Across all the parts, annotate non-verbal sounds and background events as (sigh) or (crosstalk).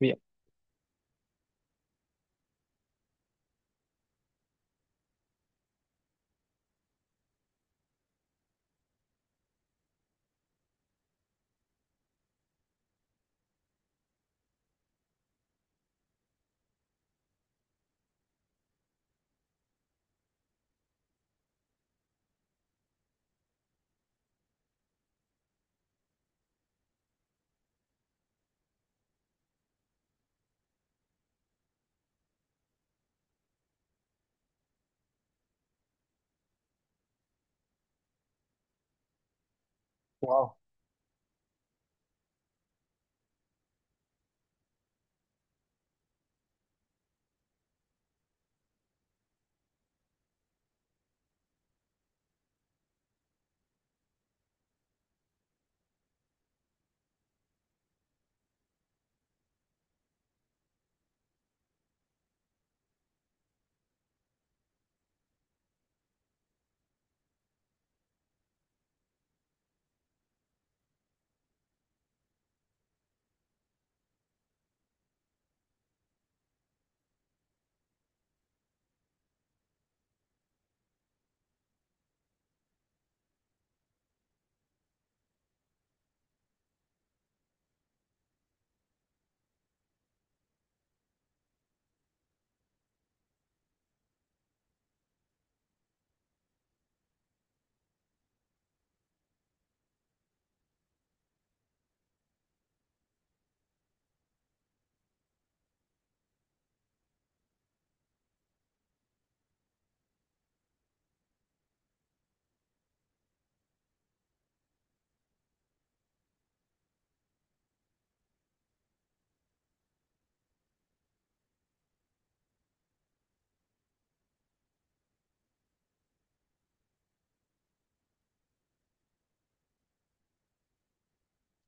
Via. Wow.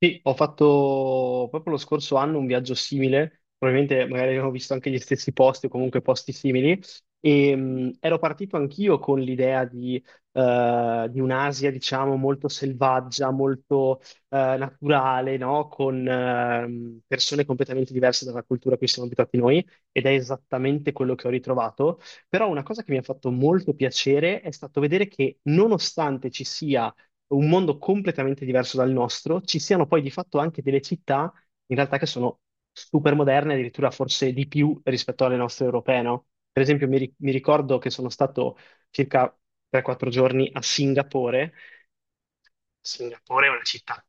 Sì, ho fatto proprio lo scorso anno un viaggio simile, probabilmente magari abbiamo visto anche gli stessi posti o comunque posti simili, e ero partito anch'io con l'idea di un'Asia, diciamo, molto selvaggia, naturale, no? Con persone completamente diverse dalla cultura a cui siamo abituati noi, ed è esattamente quello che ho ritrovato. Però una cosa che mi ha fatto molto piacere è stato vedere che nonostante ci sia un mondo completamente diverso dal nostro, ci siano poi di fatto anche delle città in realtà che sono super moderne, addirittura forse di più rispetto alle nostre europee, no? Per esempio, mi ricordo che sono stato circa 3-4 giorni a Singapore. Singapore è una città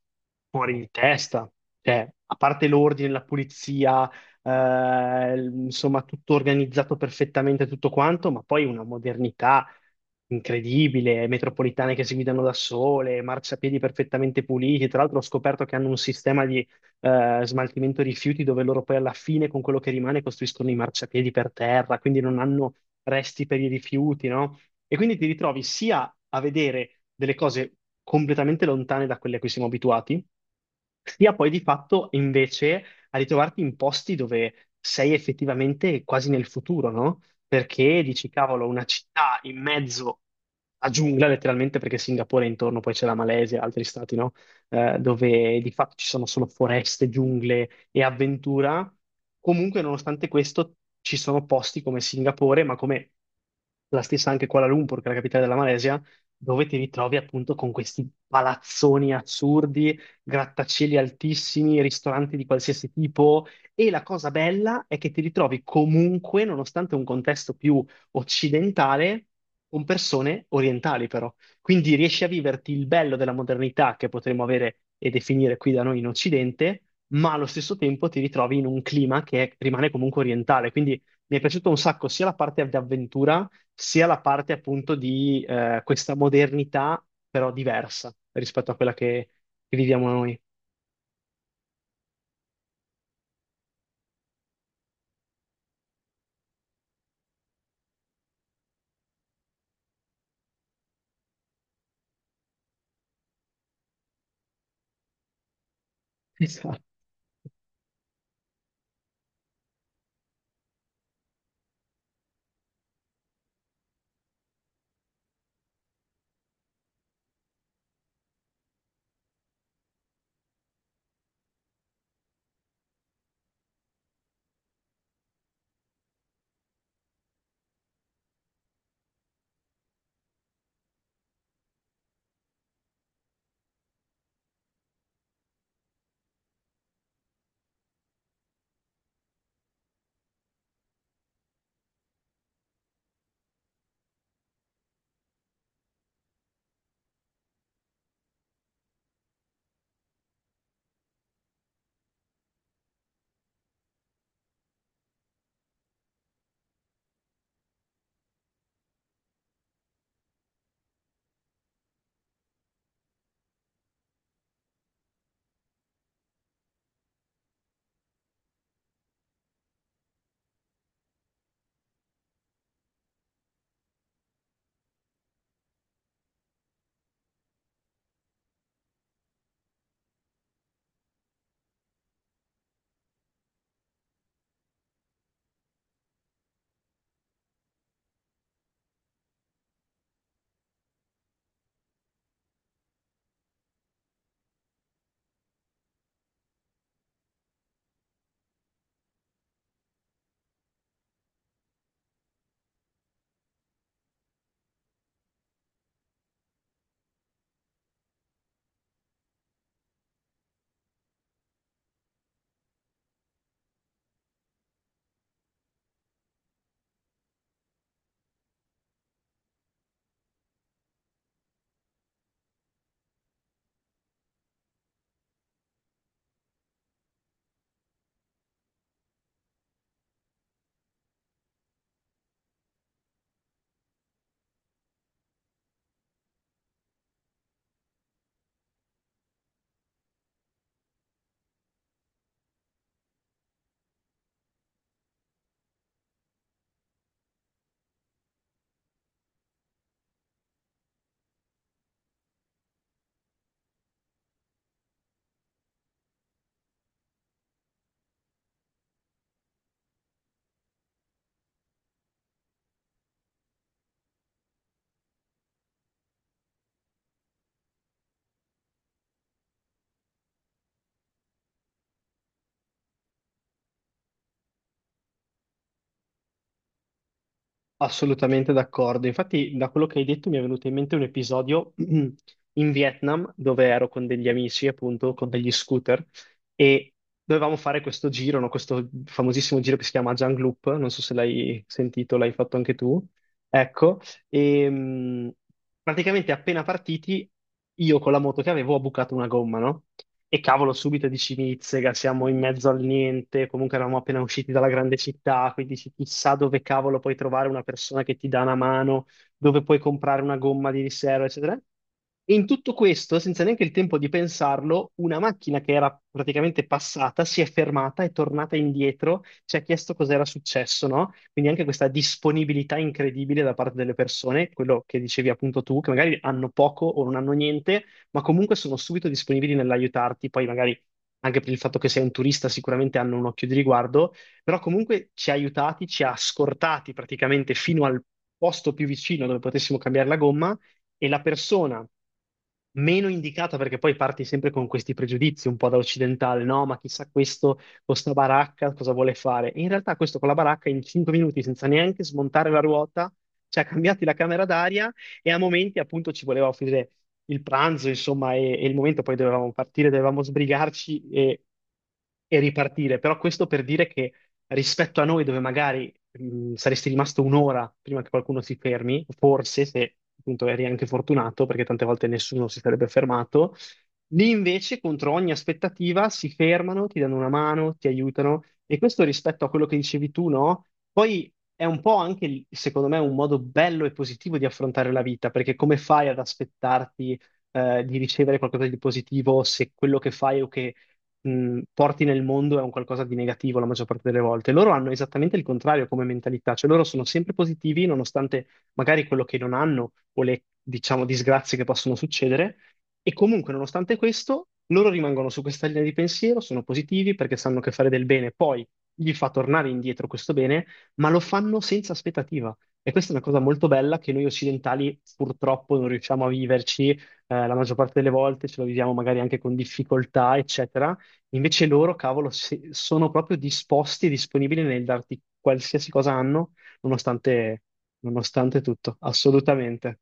fuori di testa, cioè, a parte l'ordine, la pulizia, insomma, tutto organizzato perfettamente, tutto quanto, ma poi una modernità incredibile, metropolitane che si guidano da sole, marciapiedi perfettamente puliti. Tra l'altro ho scoperto che hanno un sistema di smaltimento rifiuti dove loro poi alla fine con quello che rimane costruiscono i marciapiedi per terra, quindi non hanno resti per i rifiuti, no? E quindi ti ritrovi sia a vedere delle cose completamente lontane da quelle a cui siamo abituati, sia poi di fatto invece a ritrovarti in posti dove sei effettivamente quasi nel futuro, no? Perché dici, cavolo, una città in mezzo a giungla, letteralmente, perché Singapore è intorno, poi c'è la Malesia, altri stati, no? Dove di fatto ci sono solo foreste, giungle, e avventura, comunque nonostante questo ci sono posti come Singapore, ma come la stessa anche Kuala Lumpur, che è la capitale della Malesia, dove ti ritrovi appunto con questi palazzoni assurdi, grattacieli altissimi, ristoranti di qualsiasi tipo. E la cosa bella è che ti ritrovi comunque, nonostante un contesto più occidentale, con persone orientali però. Quindi riesci a viverti il bello della modernità che potremmo avere e definire qui da noi in Occidente, ma allo stesso tempo ti ritrovi in un clima che rimane comunque orientale. Quindi mi è piaciuto un sacco sia la parte di avventura, sia la parte appunto di questa modernità, però diversa rispetto a quella che viviamo noi. Esatto. Assolutamente d'accordo. Infatti, da quello che hai detto mi è venuto in mente un episodio (clears throat) in Vietnam dove ero con degli amici, appunto, con degli scooter e dovevamo fare questo giro, no? Questo famosissimo giro che si chiama Jung Loop. Non so se l'hai sentito, l'hai fatto anche tu. Ecco, e praticamente appena partiti, io con la moto che avevo ho bucato una gomma, no? E cavolo, subito dici Nizzega, siamo in mezzo al niente, comunque eravamo appena usciti dalla grande città, quindi dici chissà dove cavolo puoi trovare una persona che ti dà una mano dove puoi comprare una gomma di riserva, eccetera. E in tutto questo, senza neanche il tempo di pensarlo, una macchina che era praticamente passata si è fermata, è tornata indietro, ci ha chiesto cos'era successo, no? Quindi anche questa disponibilità incredibile da parte delle persone, quello che dicevi appunto tu, che magari hanno poco o non hanno niente, ma comunque sono subito disponibili nell'aiutarti, poi magari anche per il fatto che sei un turista sicuramente hanno un occhio di riguardo però comunque ci ha aiutati, ci ha scortati praticamente fino al posto più vicino dove potessimo cambiare la gomma e la persona meno indicata, perché poi parti sempre con questi pregiudizi un po' da occidentale, no? Ma chissà questo con sta baracca cosa vuole fare? E in realtà questo con la baracca in 5 minuti senza neanche smontare la ruota ci ha cambiati la camera d'aria e a momenti appunto ci voleva offrire il pranzo, insomma, e il momento poi dovevamo partire, dovevamo sbrigarci e ripartire. Però questo per dire che rispetto a noi, dove magari saresti rimasto 1 ora prima che qualcuno si fermi, forse se appunto eri anche fortunato, perché tante volte nessuno si sarebbe fermato. Lì invece, contro ogni aspettativa, si fermano, ti danno una mano, ti aiutano. E questo rispetto a quello che dicevi tu, no? Poi è un po' anche, lì, secondo me, un modo bello e positivo di affrontare la vita, perché come fai ad aspettarti, di ricevere qualcosa di positivo se quello che fai porti nel mondo è un qualcosa di negativo la maggior parte delle volte? Loro hanno esattamente il contrario come mentalità, cioè loro sono sempre positivi nonostante magari quello che non hanno o le, diciamo, disgrazie che possono succedere, e comunque, nonostante questo, loro rimangono su questa linea di pensiero, sono positivi perché sanno che fare del bene poi gli fa tornare indietro questo bene ma lo fanno senza aspettativa. E questa è una cosa molto bella che noi occidentali purtroppo non riusciamo a viverci, la maggior parte delle volte ce lo viviamo magari anche con difficoltà, eccetera. Invece loro, cavolo, sono proprio disposti e disponibili nel darti qualsiasi cosa hanno, nonostante, nonostante tutto, assolutamente.